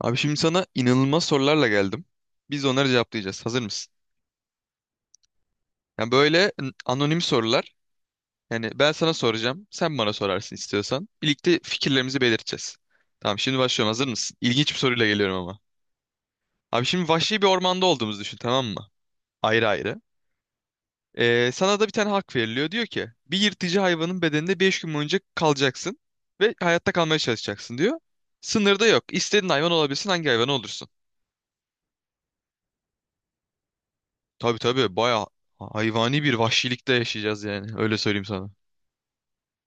Abi şimdi sana inanılmaz sorularla geldim. Biz de onları cevaplayacağız. Hazır mısın? Yani böyle anonim sorular. Yani ben sana soracağım. Sen bana sorarsın istiyorsan. Birlikte fikirlerimizi belirteceğiz. Tamam şimdi başlıyorum. Hazır mısın? İlginç bir soruyla geliyorum ama. Abi şimdi vahşi bir ormanda olduğumuzu düşün, tamam mı? Ayrı ayrı. Sana da bir tane hak veriliyor. Diyor ki bir yırtıcı hayvanın bedeninde 5 gün boyunca kalacaksın. Ve hayatta kalmaya çalışacaksın diyor. Sınırda yok. İstediğin hayvan olabilirsin. Hangi hayvan olursun? Tabii tabii, bayağı hayvani bir vahşilikte yaşayacağız yani. Öyle söyleyeyim sana.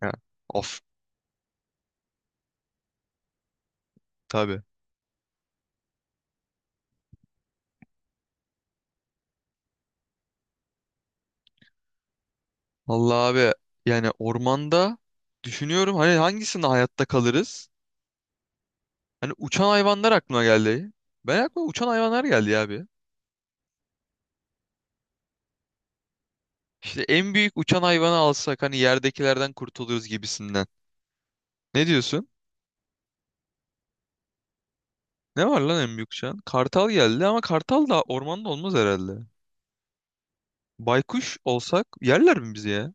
Ya, of, tabii. Vallahi abi, yani ormanda düşünüyorum hani hangisinde hayatta kalırız? Hani uçan hayvanlar aklıma geldi. Ben aklıma uçan hayvanlar geldi ya abi. İşte en büyük uçan hayvanı alsak hani yerdekilerden kurtuluruz gibisinden. Ne diyorsun? Ne var lan en büyük uçan? Kartal geldi ama kartal da ormanda olmaz herhalde. Baykuş olsak yerler mi bizi ya?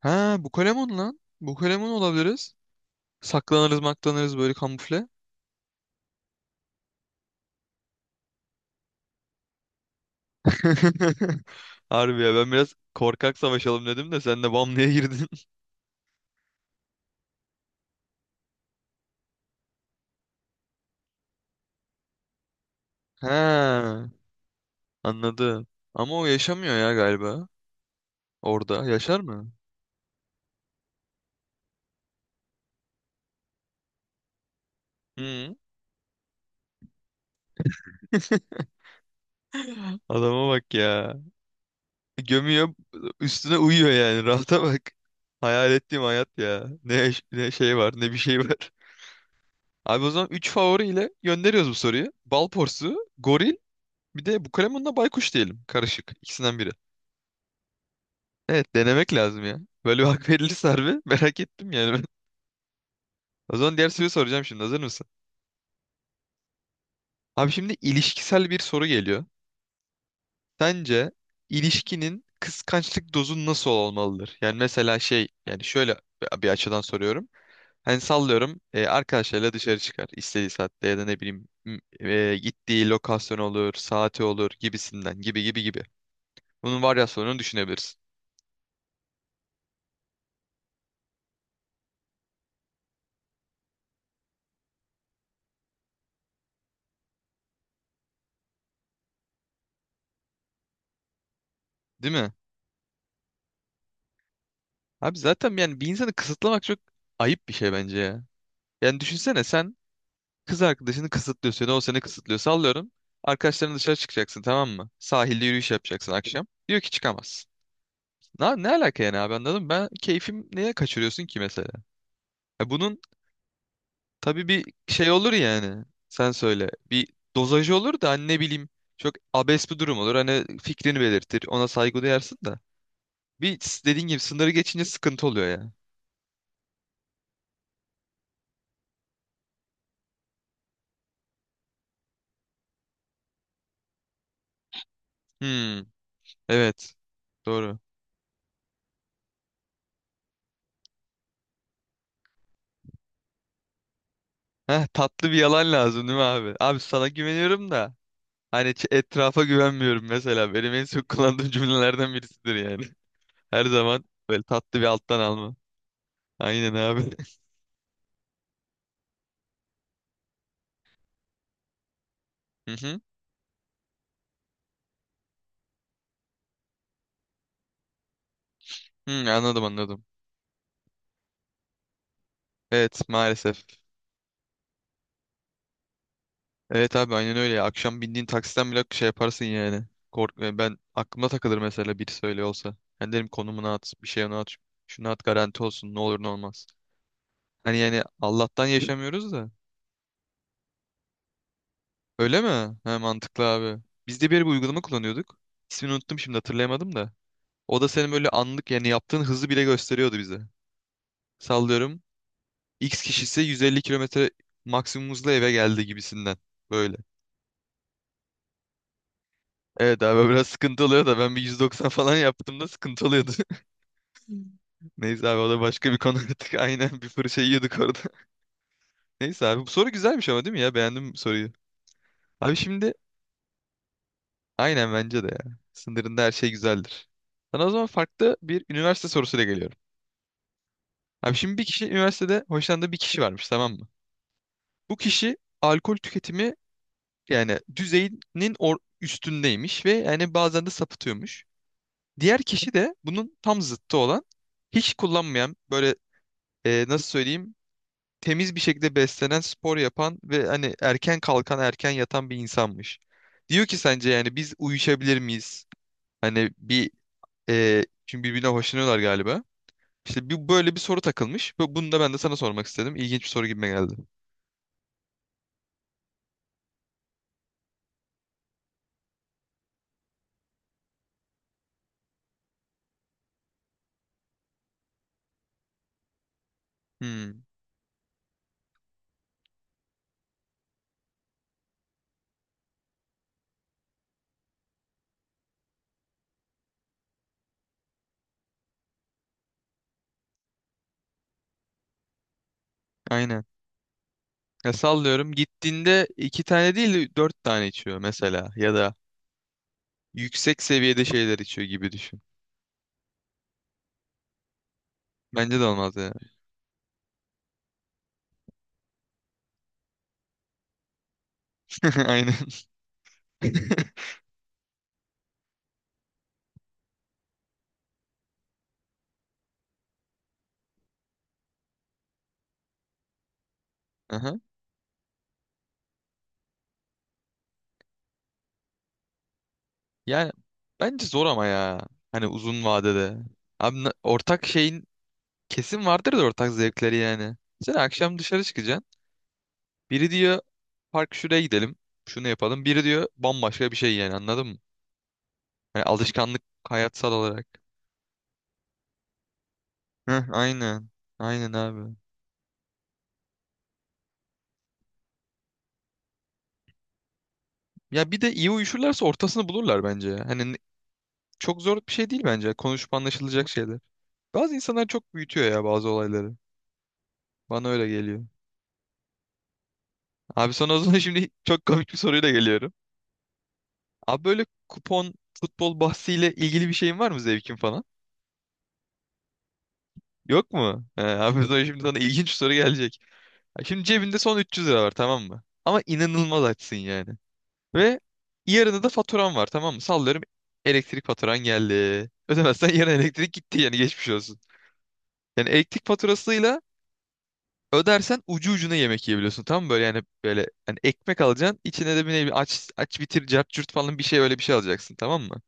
Ha, bu Bukalemon lan. Bukalemon olabiliriz. Saklanırız maklanırız böyle, kamufle. Harbi ya, ben biraz korkak savaşalım dedim de sen de bam diye girdin. He, anladım. Ama o yaşamıyor ya galiba orada. Yaşar mı? Hı. Adama bak ya. Gömüyor üstüne uyuyor yani, rahata bak. Hayal ettiğim hayat ya. Ne, yaş- ne şey var ne bir şey var. Abi, o zaman 3 favoriyle gönderiyoruz bu soruyu. Bal porsu, goril, bir de bu kalemunla baykuş diyelim. Karışık. İkisinden biri. Evet, denemek lazım ya. Böyle bir hak verilirse harbi merak ettim yani ben. O zaman diğer soruyu soracağım şimdi, hazır mısın? Abi şimdi ilişkisel bir soru geliyor. Sence ilişkinin kıskançlık dozu nasıl olmalıdır? Yani mesela şey, yani şöyle bir açıdan soruyorum. Hani sallıyorum, arkadaşlarıyla dışarı çıkar istediği saatte, ya da ne bileyim gittiği lokasyon olur, saati olur gibisinden, gibi gibi gibi. Bunun varyasyonunu düşünebilirsin. Değil mi? Abi zaten yani bir insanı kısıtlamak çok ayıp bir şey bence ya. Yani düşünsene sen. Kız arkadaşını kısıtlıyor seni. O seni kısıtlıyor. Sallıyorum. Arkadaşlarına dışarı çıkacaksın, tamam mı? Sahilde yürüyüş yapacaksın akşam. Diyor ki çıkamazsın. Ne, ne alaka yani abi, anladın mı? Ben keyfim, neye kaçırıyorsun ki mesela? Ya bunun tabii bir şey olur yani. Sen söyle. Bir dozajı olur da hani, ne bileyim. Çok abes bir durum olur. Hani fikrini belirtir. Ona saygı duyarsın da. Dediğin gibi sınırı geçince sıkıntı oluyor ya. Hmm, evet. Doğru. Heh, tatlı bir yalan lazım değil mi abi? Abi sana güveniyorum da. Hani etrafa güvenmiyorum mesela. Benim en çok kullandığım cümlelerden birisidir yani. Her zaman böyle tatlı bir alttan alma. Aynen abi. Hı hı. Hı, anladım anladım. Evet, maalesef. Evet abi, aynen öyle ya. Akşam bindiğin taksiden bile şey yaparsın yani. Kork, ben aklıma takılır mesela, biri söyle olsa. Ben derim konumunu at, bir şey onu at, şunu at, garanti olsun, ne olur ne olmaz. Hani yani Allah'tan yaşamıyoruz da. Öyle mi? He, mantıklı abi. Biz de bir uygulama kullanıyorduk. İsmini unuttum şimdi, hatırlayamadım da. O da senin böyle anlık yani yaptığın hızı bile gösteriyordu bize. Sallıyorum. X kişisi 150 kilometre maksimum hızla eve geldi gibisinden. Böyle. Evet abi, biraz sıkıntı oluyor da ben bir 190 falan yaptığımda sıkıntı oluyordu. Neyse abi, o da başka bir konu artık. Aynen, bir fırça yiyorduk orada. Neyse abi, bu soru güzelmiş ama değil mi ya? Beğendim bu soruyu. Abi şimdi, aynen bence de ya. Sınırında her şey güzeldir. Sana o zaman farklı bir üniversite sorusuyla geliyorum. Abi şimdi, bir kişi üniversitede hoşlandığı bir kişi varmış, tamam mı? Bu kişi alkol tüketimi yani düzeyinin or üstündeymiş ve yani bazen de sapıtıyormuş. Diğer kişi de bunun tam zıttı olan, hiç kullanmayan, böyle nasıl söyleyeyim, temiz bir şekilde beslenen, spor yapan ve hani erken kalkan, erken yatan bir insanmış. Diyor ki sence yani biz uyuşabilir miyiz? Hani bir, çünkü birbirine hoşlanıyorlar galiba. İşte bir, böyle bir soru takılmış ve bunu da ben de sana sormak istedim. İlginç bir soru gibime geldi. Hmm, aynen. Ya sallıyorum, gittiğinde iki tane değil de dört tane içiyor mesela, ya da yüksek seviyede şeyler içiyor gibi düşün. Bence de olmaz yani. Aynen. Aha. Yani bence zor ama ya. Hani uzun vadede. Abi ortak şeyin kesin vardır da ortak zevkleri yani. Sen akşam dışarı çıkacaksın. Biri diyor park şuraya gidelim. Şunu yapalım. Biri diyor bambaşka bir şey, yani anladın mı? Hani alışkanlık, hayatsal olarak. Heh, aynen. Aynen abi. Ya bir de iyi uyuşurlarsa ortasını bulurlar bence ya. Hani çok zor bir şey değil bence. Konuşup anlaşılacak şeyler. Bazı insanlar çok büyütüyor ya bazı olayları. Bana öyle geliyor. Abi sana o zaman şimdi çok komik bir soruyla geliyorum. Abi, böyle kupon, futbol bahsiyle ilgili bir şeyin var mı, zevkin falan? Yok mu? He, abi o zaman şimdi sana ilginç bir soru gelecek. Ha, şimdi cebinde son 300 lira var, tamam mı? Ama inanılmaz açsın yani. Ve yarına da faturan var, tamam mı? Sallıyorum, elektrik faturan geldi. Ödemezsen yarın elektrik gitti, yani geçmiş olsun. Yani elektrik faturasıyla ödersen ucu ucuna yemek yiyebiliyorsun, tam mı? Böyle yani, böyle hani ekmek alacaksın. İçine de bir, ne bileyim, aç, aç bitir, cart curt falan bir şey, öyle bir şey alacaksın. Tamam mı?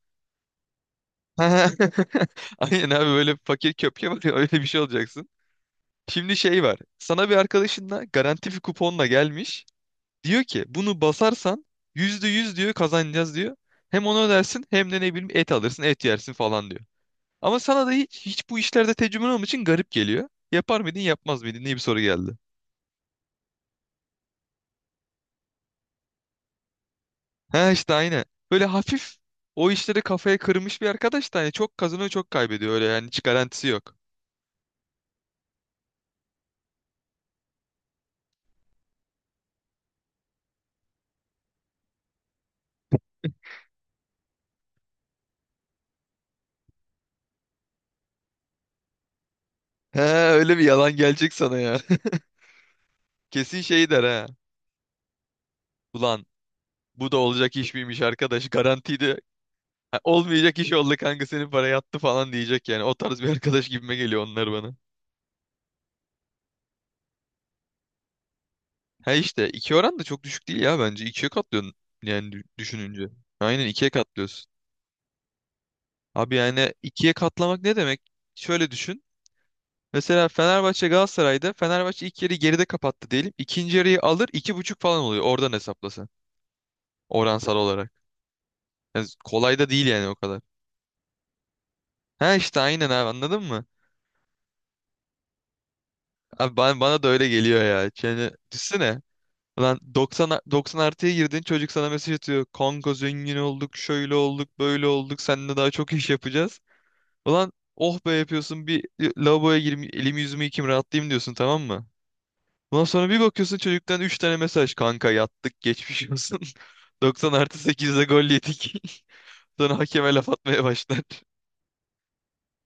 Aynen abi, böyle fakir köpke var ya, öyle bir şey olacaksın. Şimdi şey var. Sana bir arkadaşınla garanti bir kuponla gelmiş. Diyor ki bunu basarsan %100 diyor kazanacağız diyor. Hem onu ödersin hem de ne bileyim et alırsın et yersin falan diyor. Ama sana da hiç bu işlerde tecrüben olmadığı için garip geliyor. Yapar mıydın yapmaz mıydın diye bir soru geldi. He işte, aynı. Böyle hafif o işleri kafaya kırmış bir arkadaş da hani, çok kazanıyor çok kaybediyor, öyle yani, hiç garantisi yok. He, öyle bir yalan gelecek sana ya. Kesin şey der ha. Ulan bu da olacak iş miymiş, arkadaş garantiydi. Ha, olmayacak iş oldu kanka, senin para yattı falan diyecek yani. O tarz bir arkadaş gibime geliyor onlar bana. He işte, iki oran da çok düşük değil ya bence. İkiye katlıyorsun yani, düşününce. Aynen, ikiye katlıyorsun. Abi yani ikiye katlamak ne demek? Şöyle düşün. Mesela Fenerbahçe Galatasaray'da Fenerbahçe ilk yarıyı geride kapattı diyelim. İkinci yarıyı alır, iki buçuk falan oluyor oradan, hesaplasa. Oransal olarak. Yani kolay da değil yani o kadar. Ha işte aynen abi, anladın mı? Abi bana da öyle geliyor ya. Yani düşünsene. Lan 90 artıya girdin, çocuk sana mesaj atıyor. Kanka zengin olduk, şöyle olduk böyle olduk, seninle daha çok iş yapacağız. Ulan oh be, yapıyorsun bir, lavaboya gireyim elimi yüzümü yıkayayım rahatlayayım diyorsun, tamam mı? Ondan sonra bir bakıyorsun çocuktan 3 tane mesaj. Kanka yattık, geçmiş olsun. 90 artı 8'de gol yedik. Sonra hakeme laf atmaya başlar.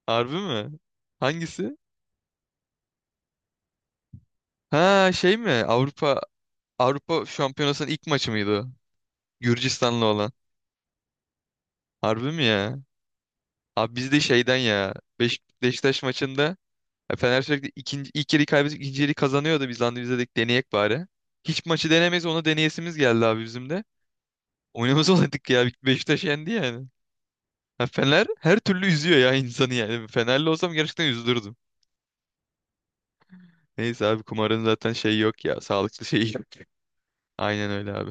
Harbi mi? Hangisi? Ha, şey mi? Avrupa Şampiyonası'nın ilk maçı mıydı o? Gürcistan'la olan. Harbi mi ya? Abi biz de şeyden ya. Beşiktaş maçında ya, Fener sürekli ikinci, ilk yeri kaybedip ikinci yeri kazanıyordu. Biz lan, biz de dedik deneyek bari. Hiç maçı denemeyiz, onu deneyesimiz geldi abi bizim de. Oynamaz olaydık ya. Beşiktaş yendi yani. Ha, Fener her türlü üzüyor ya insanı yani. Fenerli olsam gerçekten üzülürdüm. Neyse abi, kumarın zaten şeyi yok ya. Sağlıklı şeyi yok. Aynen öyle abi.